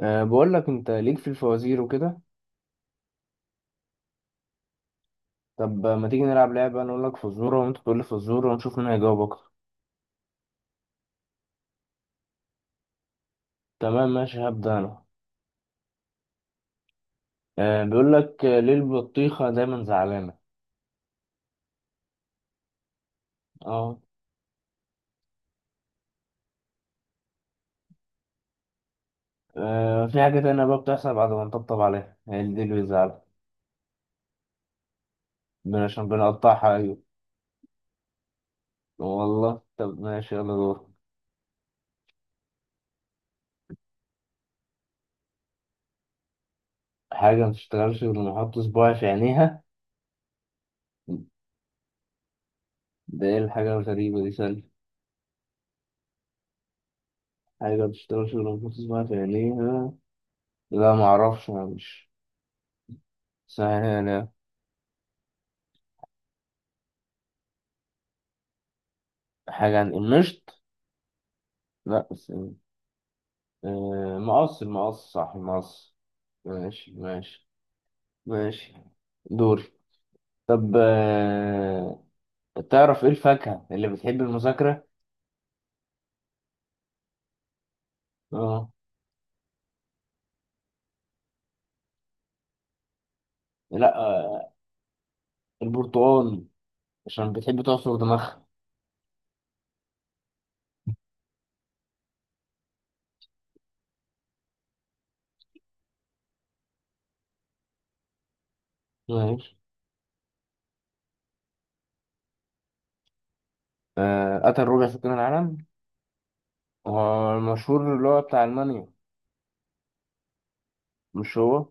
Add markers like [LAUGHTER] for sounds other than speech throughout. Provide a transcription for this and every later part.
أه بقول لك انت ليك في الفوازير وكده. طب ما تيجي نلعب لعبة، انا اقول لك فزورة وانت تقول لي فزورة ونشوف مين هيجاوب اكتر. تمام ماشي، هبدأ انا. أه بيقول لك، ليه البطيخة دايما زعلانة؟ اه. في حاجة تانية بقى بتحصل بعد ما نطبطب عليها، هي اللي دي اللي بيزعلها. عشان بنقطعها، ايوه. والله. طب ماشي، يلا دور. حاجة ما تشتغلش غير لما احط صباعي في عينيها، ده ايه الحاجة الغريبة دي، سأل. حاجة ما تشتغلش غير لما احط صباعي في عينيها. لا معرفش، ما مش. سهل. حاجة عن المشط. لا بس إيه؟ مقص، المقص. ماشي ماشي. ماشي دوري. طب، تعرف ايه الفاكهة اللي بتحب المذاكرة؟ اه. لا. البرتقال، عشان بتحب تعصر دماغها. ماشي. قتل ربع سكان العالم؟ هو المشهور اللي هو بتاع ألمانيا؟ مش هو؟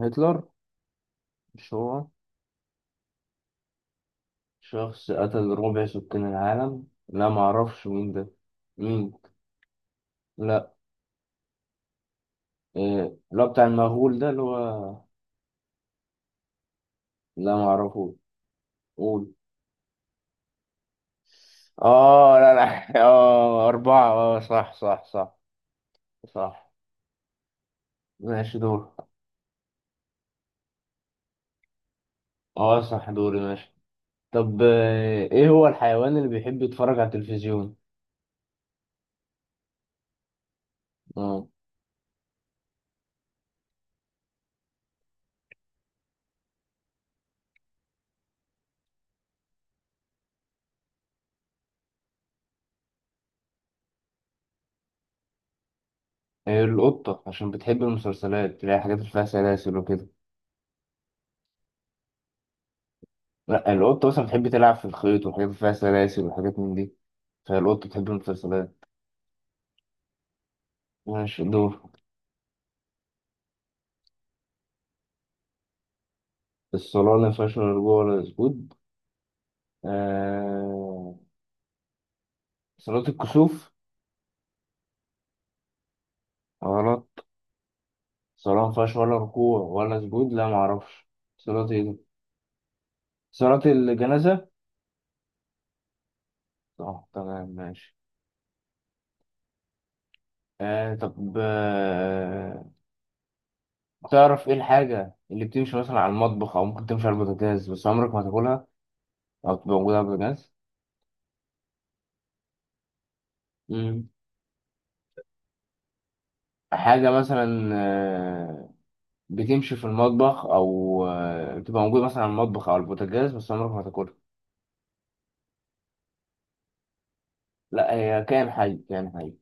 هتلر. مش هو؟ شخص قتل ربع سكان العالم، لا معرفش مين ده. مين؟ لا. إيه اللي هو بتاع المغول ده اللي هو؟ لا ما اعرفوش. قول. اه لا لا [LAUGHS] اه، أربعة، اه صح صح صح. صح. ماشي دور. اه صح، دوري ماشي. طب، ايه هو الحيوان اللي بيحب يتفرج على التلفزيون؟ اه. إيه، القطة، عشان بتحب المسلسلات، اللي هي حاجات اللي فيها سلاسل وكده. لا القطة مثلا بتحب تلعب في الخيط وحاجات اللي فيها سلاسل وحاجات من دي، فالقطة بتحب المسلسلات. ماشي دور. الصلاة اللي ما فيهاش لا رجوع ولا سجود؟ آه، صلاة الكسوف. غلط. صلاة مفيهاش ولا ركوع ولا سجود، لا معرفش، صلاة ايه دي؟ صلاة الجنازة. اه تمام ماشي. آه طب آه، تعرف ايه الحاجة اللي بتمشي مثلا على المطبخ أو ممكن تمشي على البوتاجاز بس عمرك ما تاكلها، أو تبقى موجودة على البوتاجاز؟ مم. حاجة مثلا، بتمشي في المطبخ، أو بتبقى موجودة مثلا على المطبخ أو على البوتاجاز بس عمرك ما تاكلها. لا هي كائن حي، كائن حي.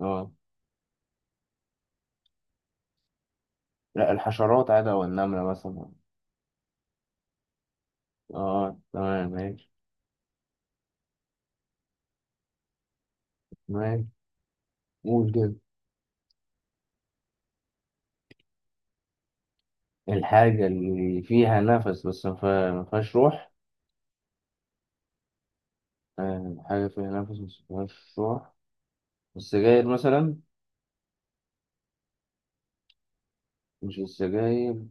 اه. لا، الحشرات عادة، والنملة مثلا. اه تمام ماشي. تمام. قول كده. الحاجة اللي فيها نفس بس ما فيهاش روح. حاجة فيها نفس بس ما فيهاش روح، السجاير مثلا. مش السجاير؟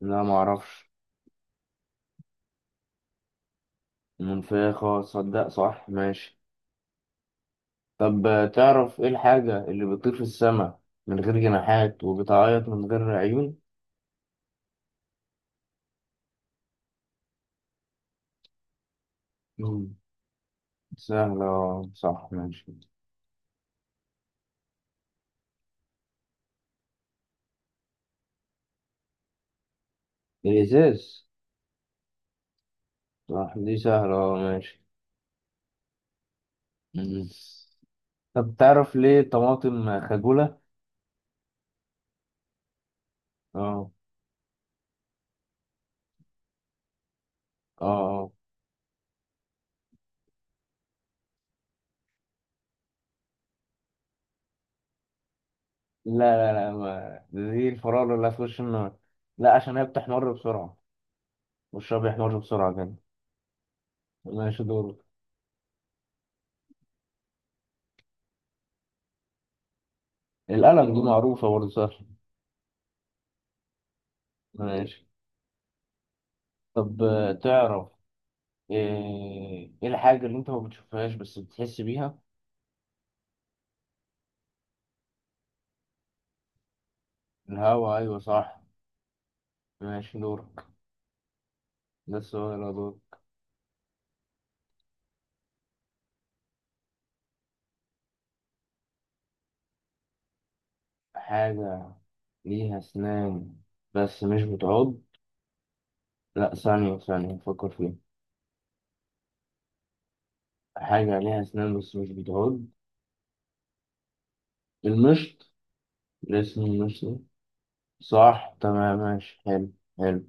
لا، ما اعرفش. المنفاخة، صدق، صح ماشي. طب، تعرف ايه الحاجة اللي بتطير في السماء من غير جناحات وبتعيط من غير عيون؟ مم. سهلة، صح ماشي. الإزاز. صح دي سهلة، ماشي. مم. طب تعرف ليه الطماطم خجولة؟ اه. اه آه. لا لا لا، ما دي الفرارة اللي في وش النار. لا، عشان هي بتحمر بسرعة، وشها بيحمر بسرعة كده. ماشي دور. القلم، دي دورك معروفة برضه، سهلة. ماشي. طب، تعرف ايه إيه الحاجة اللي انت ما بتشوفهاش بس بتحس بيها؟ الهوا، ايوه صح، ماشي دورك. ده السؤال، يا دور. حاجة ليها اسنان بس مش بتعض. لا، ثانية، فكر فيها. حاجة ليها اسنان بس مش بتعض، المشط، الاسم المشط. صح تمام ماشي. حلو. حلو.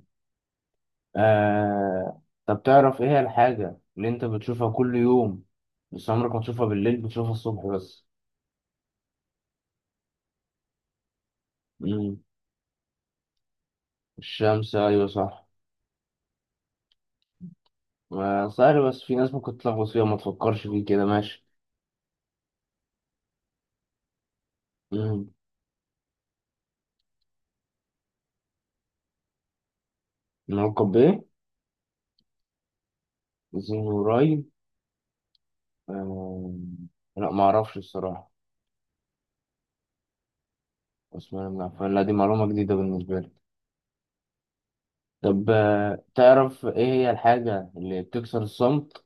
طب تعرف ايه هي الحاجة اللي انت بتشوفها كل يوم بس عمرك ما تشوفها بالليل، بتشوفها الصبح بس؟ مم. الشمس، ايوه صح. آه سهل، بس في ناس ممكن تلخبط فيها، ما تفكرش فيه كده. ماشي. مم. نلقب بايه؟ زين قريب. آه... لا ما اعرفش الصراحة. عثمان بن عفان، لا دي معلومة جديدة بالنسبة لي. طب تعرف ايه هي الحاجة اللي بتكسر الصمت؟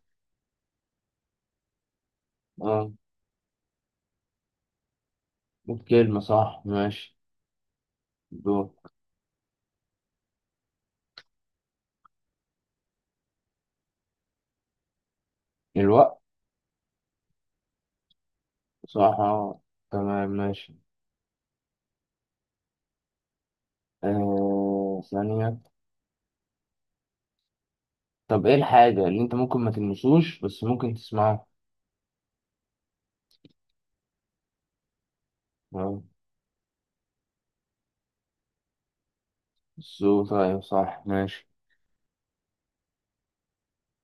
اه. كلمة، صح ماشي دور. الوقت. صراحة. تمام ماشي. آه ثانية. طب ايه الحاجة اللي انت ممكن ما تلمسوش بس ممكن تسمعها؟ آه، الصوت، طيب صح ماشي.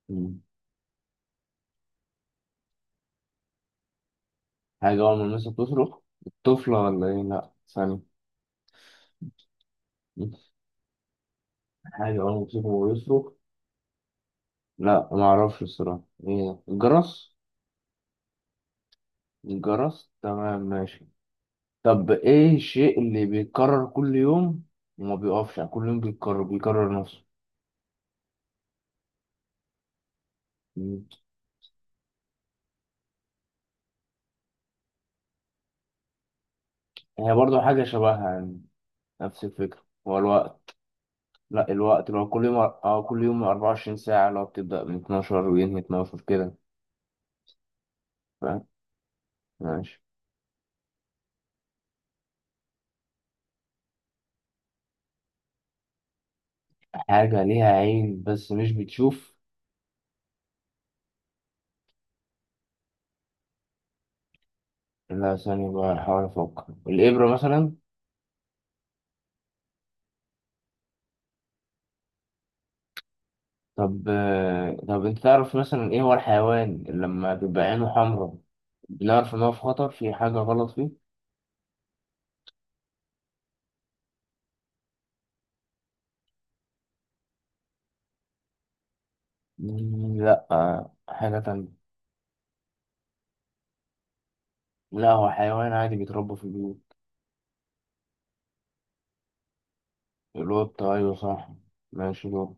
مم. حاجة أول ما المسك تصرخ، الطفلة ولا ايه؟ لأ ثانية. مم. حاجة أول ما تمسكه ويصرخ، لأ معرفش الصراحة، ايه، الجرس؟ الجرس، تمام ماشي. طب ايه الشيء اللي بيتكرر كل يوم وما بيقفش، يعني كل يوم بيتكرر، بيكرر نفسه؟ مم. هي برضو حاجة شبهها يعني، نفس الفكرة. هو الوقت. لا الوقت، لو كل يوم اه، كل يوم 24 ساعة لو بتبدأ من 12 وينهي 12 كده. فاهم. ماشي. حاجة ليها عين بس مش بتشوف. لا ثانية بقى، أحاول أفكر، الإبرة مثلا. طب، طب أنت تعرف مثلا إيه هو الحيوان اللي لما بيبقى عينه حمراء بنعرف إن هو في خطر، في حاجة غلط فيه؟ مم، لا، حاجة تانية. لا هو حيوان عادي بيتربى في البيوت. القط، أيوه صح. ماشي دور.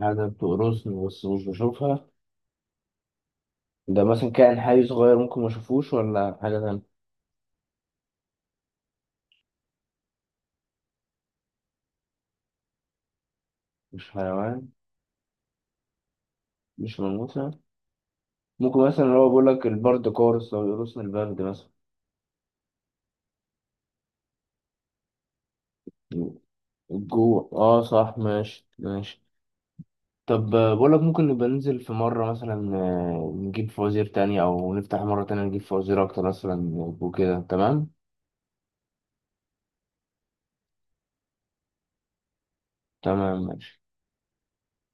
حاجة بتقرصني بس مش بشوفها؟ ده مثلا كائن حي صغير ممكن ما اشوفوش، ولا حاجة تانية؟ مش حيوان. مش ماموسة. ممكن مثلا اللي هو بيقول لك البرد، كورس لو يقرصنا البرد مثلا. الجوع، اه صح ماشي ماشي. طب، بقول لك ممكن نبقى ننزل في مرة مثلا، نجيب فوازير تانية، أو نفتح مرة تانية نجيب فوازير أكتر مثلا وكده، تمام. تمام ماشي.